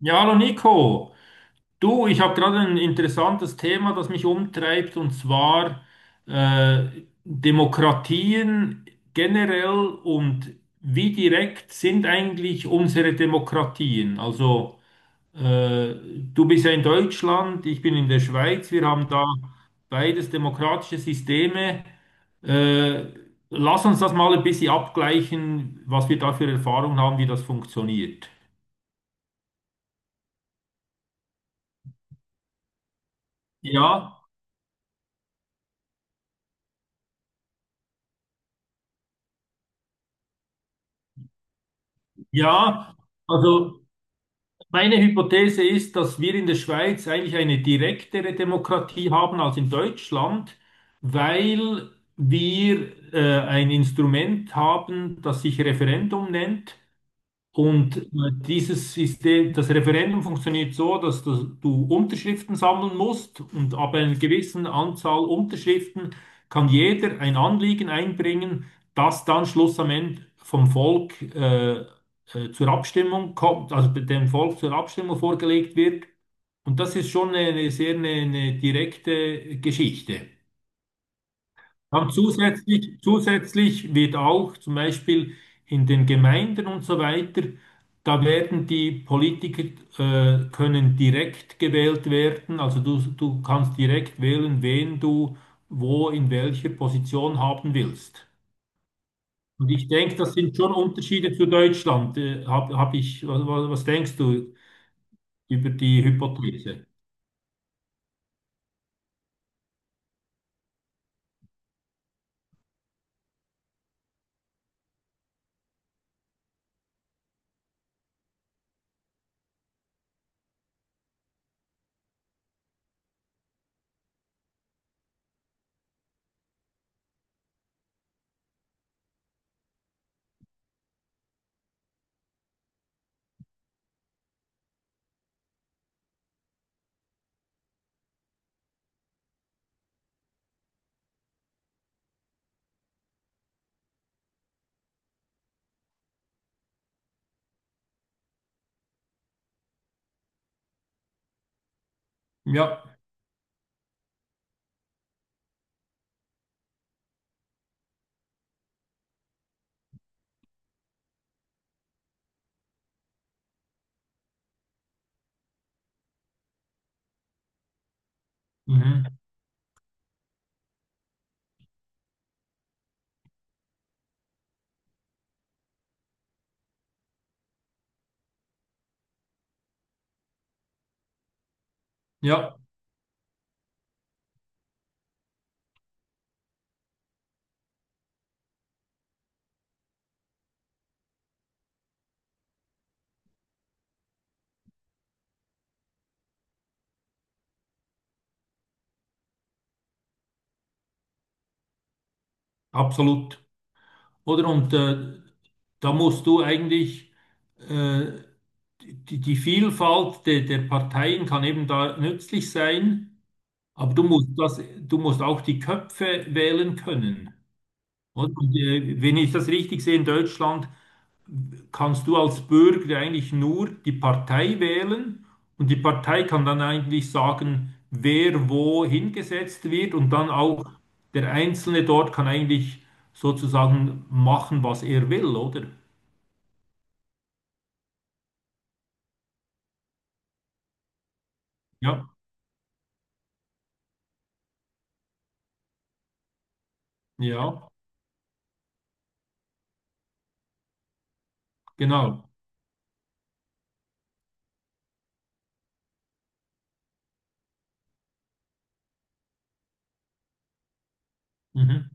Ja, hallo Nico. Du, ich habe gerade ein interessantes Thema, das mich umtreibt, und zwar äh, Demokratien generell und wie direkt sind eigentlich unsere Demokratien? Also äh, du bist ja in Deutschland, ich bin in der Schweiz, wir haben da beides demokratische Systeme. Äh, Lass uns das mal ein bisschen abgleichen, was wir da für Erfahrungen haben, wie das funktioniert. Ja. Ja, also meine Hypothese ist, dass wir in der Schweiz eigentlich eine direktere Demokratie haben als in Deutschland, weil wir ein Instrument haben, das sich Referendum nennt. Und dieses System, das Referendum funktioniert so, dass du Unterschriften sammeln musst und ab einer gewissen Anzahl Unterschriften kann jeder ein Anliegen einbringen, das dann Schluss am Ende vom Volk zur Abstimmung kommt, also dem Volk zur Abstimmung vorgelegt wird. Und das ist schon eine sehr eine direkte Geschichte. Aber zusätzlich wird auch zum Beispiel in den Gemeinden und so weiter, da werden die Politiker, können direkt gewählt werden. Also du kannst direkt wählen, wen du wo in welcher Position haben willst. Und ich denke, das sind schon Unterschiede zu Deutschland. Hab, hab ich, was, was was denkst du über die Hypothese? Ja, mhm. Ja, absolut. Oder und da musst du eigentlich äh, die, die Vielfalt der, der Parteien kann eben da nützlich sein, aber du musst das, du musst auch die Köpfe wählen können. Oder? Und, wenn ich das richtig sehe, in Deutschland kannst du als Bürger eigentlich nur die Partei wählen und die Partei kann dann eigentlich sagen, wer wo hingesetzt wird und dann auch der Einzelne dort kann eigentlich sozusagen machen, was er will, oder? Ja, ja, genau. Mhm,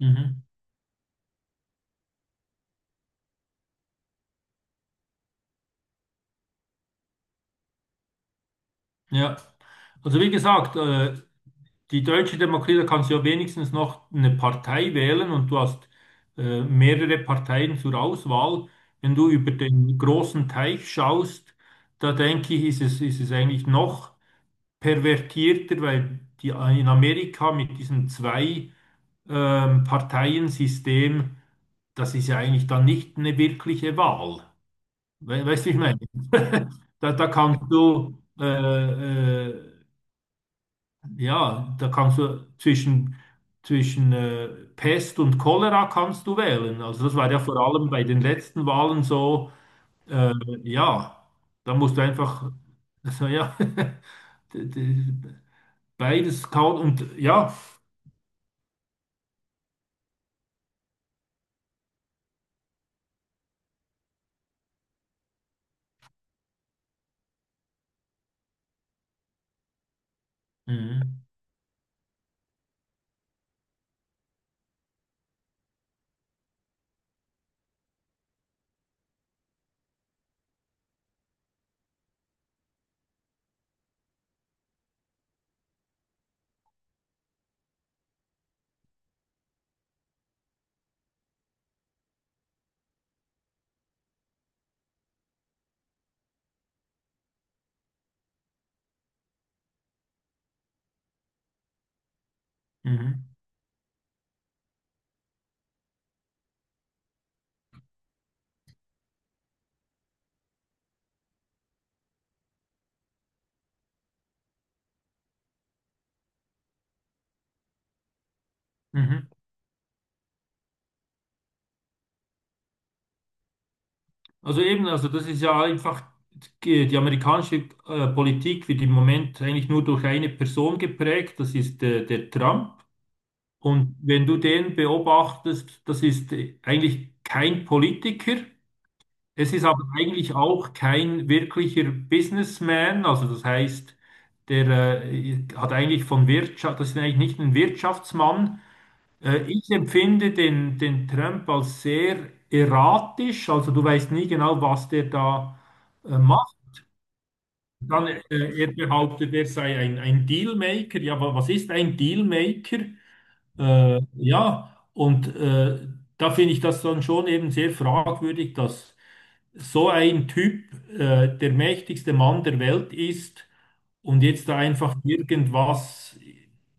mhm, ja. Also wie gesagt, die Deutsche Demokratie, da kannst du ja wenigstens noch eine Partei wählen und du hast mehrere Parteien zur Auswahl. Wenn du über den großen Teich schaust, da denke ich, ist es eigentlich noch pervertierter, weil die in Amerika mit diesem zwei Parteiensystem, das ist ja eigentlich dann nicht eine wirkliche Wahl. We Weißt du, wie ich meine? Da kannst du, ja, da kannst du zwischen, zwischen Pest und Cholera kannst du wählen. Also das war ja vor allem bei den letzten Wahlen so, äh, ja, da musst du einfach, also ja, d- d- beides kauen und ja. Mhm. Mhm. Mhm. Also eben, also das ist ja einfach die, die amerikanische Politik wird im Moment eigentlich nur durch eine Person geprägt, das ist der Trump. Und wenn du den beobachtest, das ist eigentlich kein Politiker. Es ist aber eigentlich auch kein wirklicher Businessman. Also das heißt, der hat eigentlich von Wirtschaft, das ist eigentlich nicht ein Wirtschaftsmann, ich empfinde den, den Trump als sehr erratisch, also du weißt nie genau, was der da macht. Dann, er behauptet, er sei ein Dealmaker. Ja, was ist ein Dealmaker? Äh, ja, und äh, da finde ich das dann schon eben sehr fragwürdig, dass so ein Typ, der mächtigste Mann der Welt ist und jetzt da einfach irgendwas,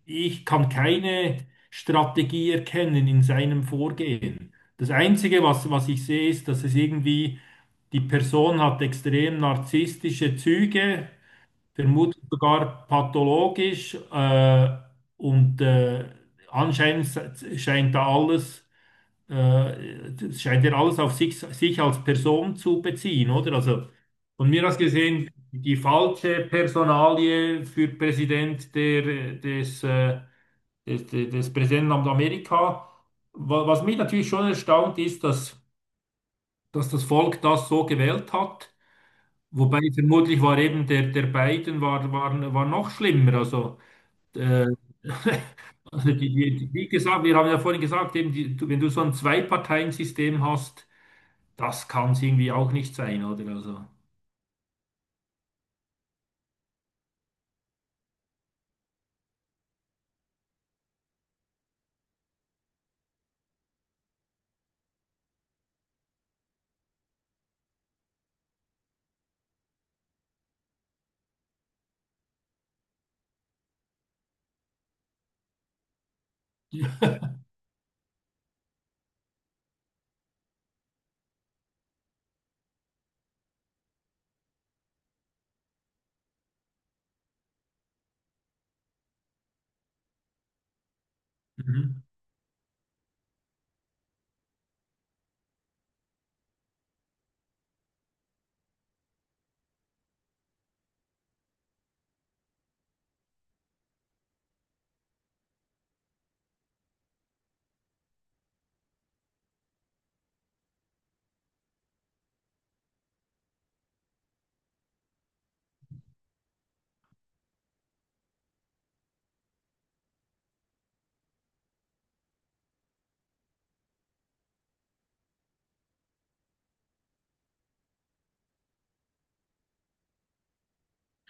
ich kann keine Strategie erkennen in seinem Vorgehen. Das Einzige, was, was ich sehe, ist, dass es irgendwie, die Person hat extrem narzisstische Züge, vermutlich sogar pathologisch, und äh, anscheinend scheint da alles das scheint ja alles auf sich als Person zu beziehen, oder? Also von mir aus gesehen, die falsche Personalie für Präsident der, des, des, des, des Präsidentenamt Amerika. Was mich natürlich schon erstaunt ist, dass das Volk das so gewählt hat. Wobei vermutlich war eben der Biden war noch schlimmer. Also, äh, also wie gesagt, wir haben ja vorhin gesagt, eben wenn du so ein Zwei-Parteien-System hast, das kann es irgendwie auch nicht sein, oder? Also. Ja. Mhm.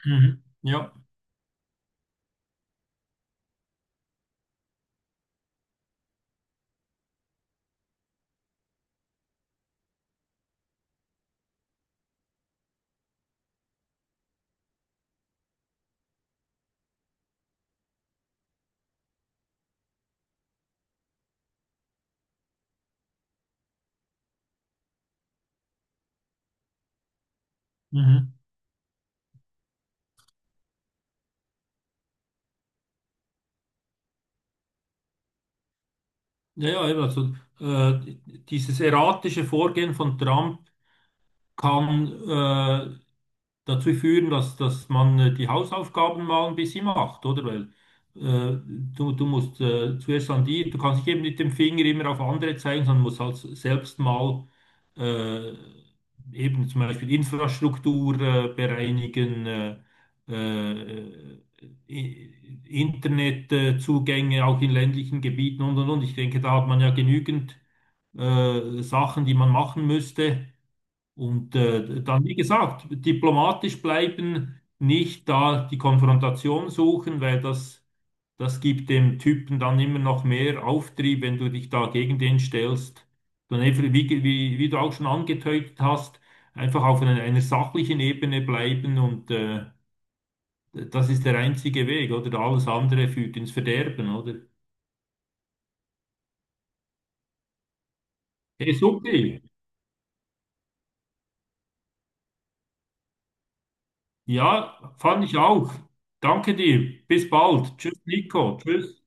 Mhm. Ja, mhm. Ja, ja, eben, also äh, dieses erratische Vorgehen von Trump kann dazu führen, dass man die Hausaufgaben mal ein bisschen macht, oder? Weil du musst zuerst an die, du kannst nicht eben mit dem Finger immer auf andere zeigen, sondern musst halt selbst mal äh, eben zum Beispiel Infrastruktur bereinigen, äh, I- Internetzugänge auch in ländlichen Gebieten und und. Ich denke, da hat man ja genügend Sachen, die man machen müsste und dann, wie gesagt, diplomatisch bleiben, nicht da die Konfrontation suchen, weil das gibt dem Typen dann immer noch mehr Auftrieb, wenn du dich da gegen den stellst. Dann einfach, wie du auch schon angetötet hast, einfach auf einer sachlichen Ebene bleiben und das ist der einzige Weg, oder? Alles andere führt ins Verderben, oder? Hey, super. Ja, fand ich auch. Danke dir. Bis bald. Tschüss, Nico. Tschüss.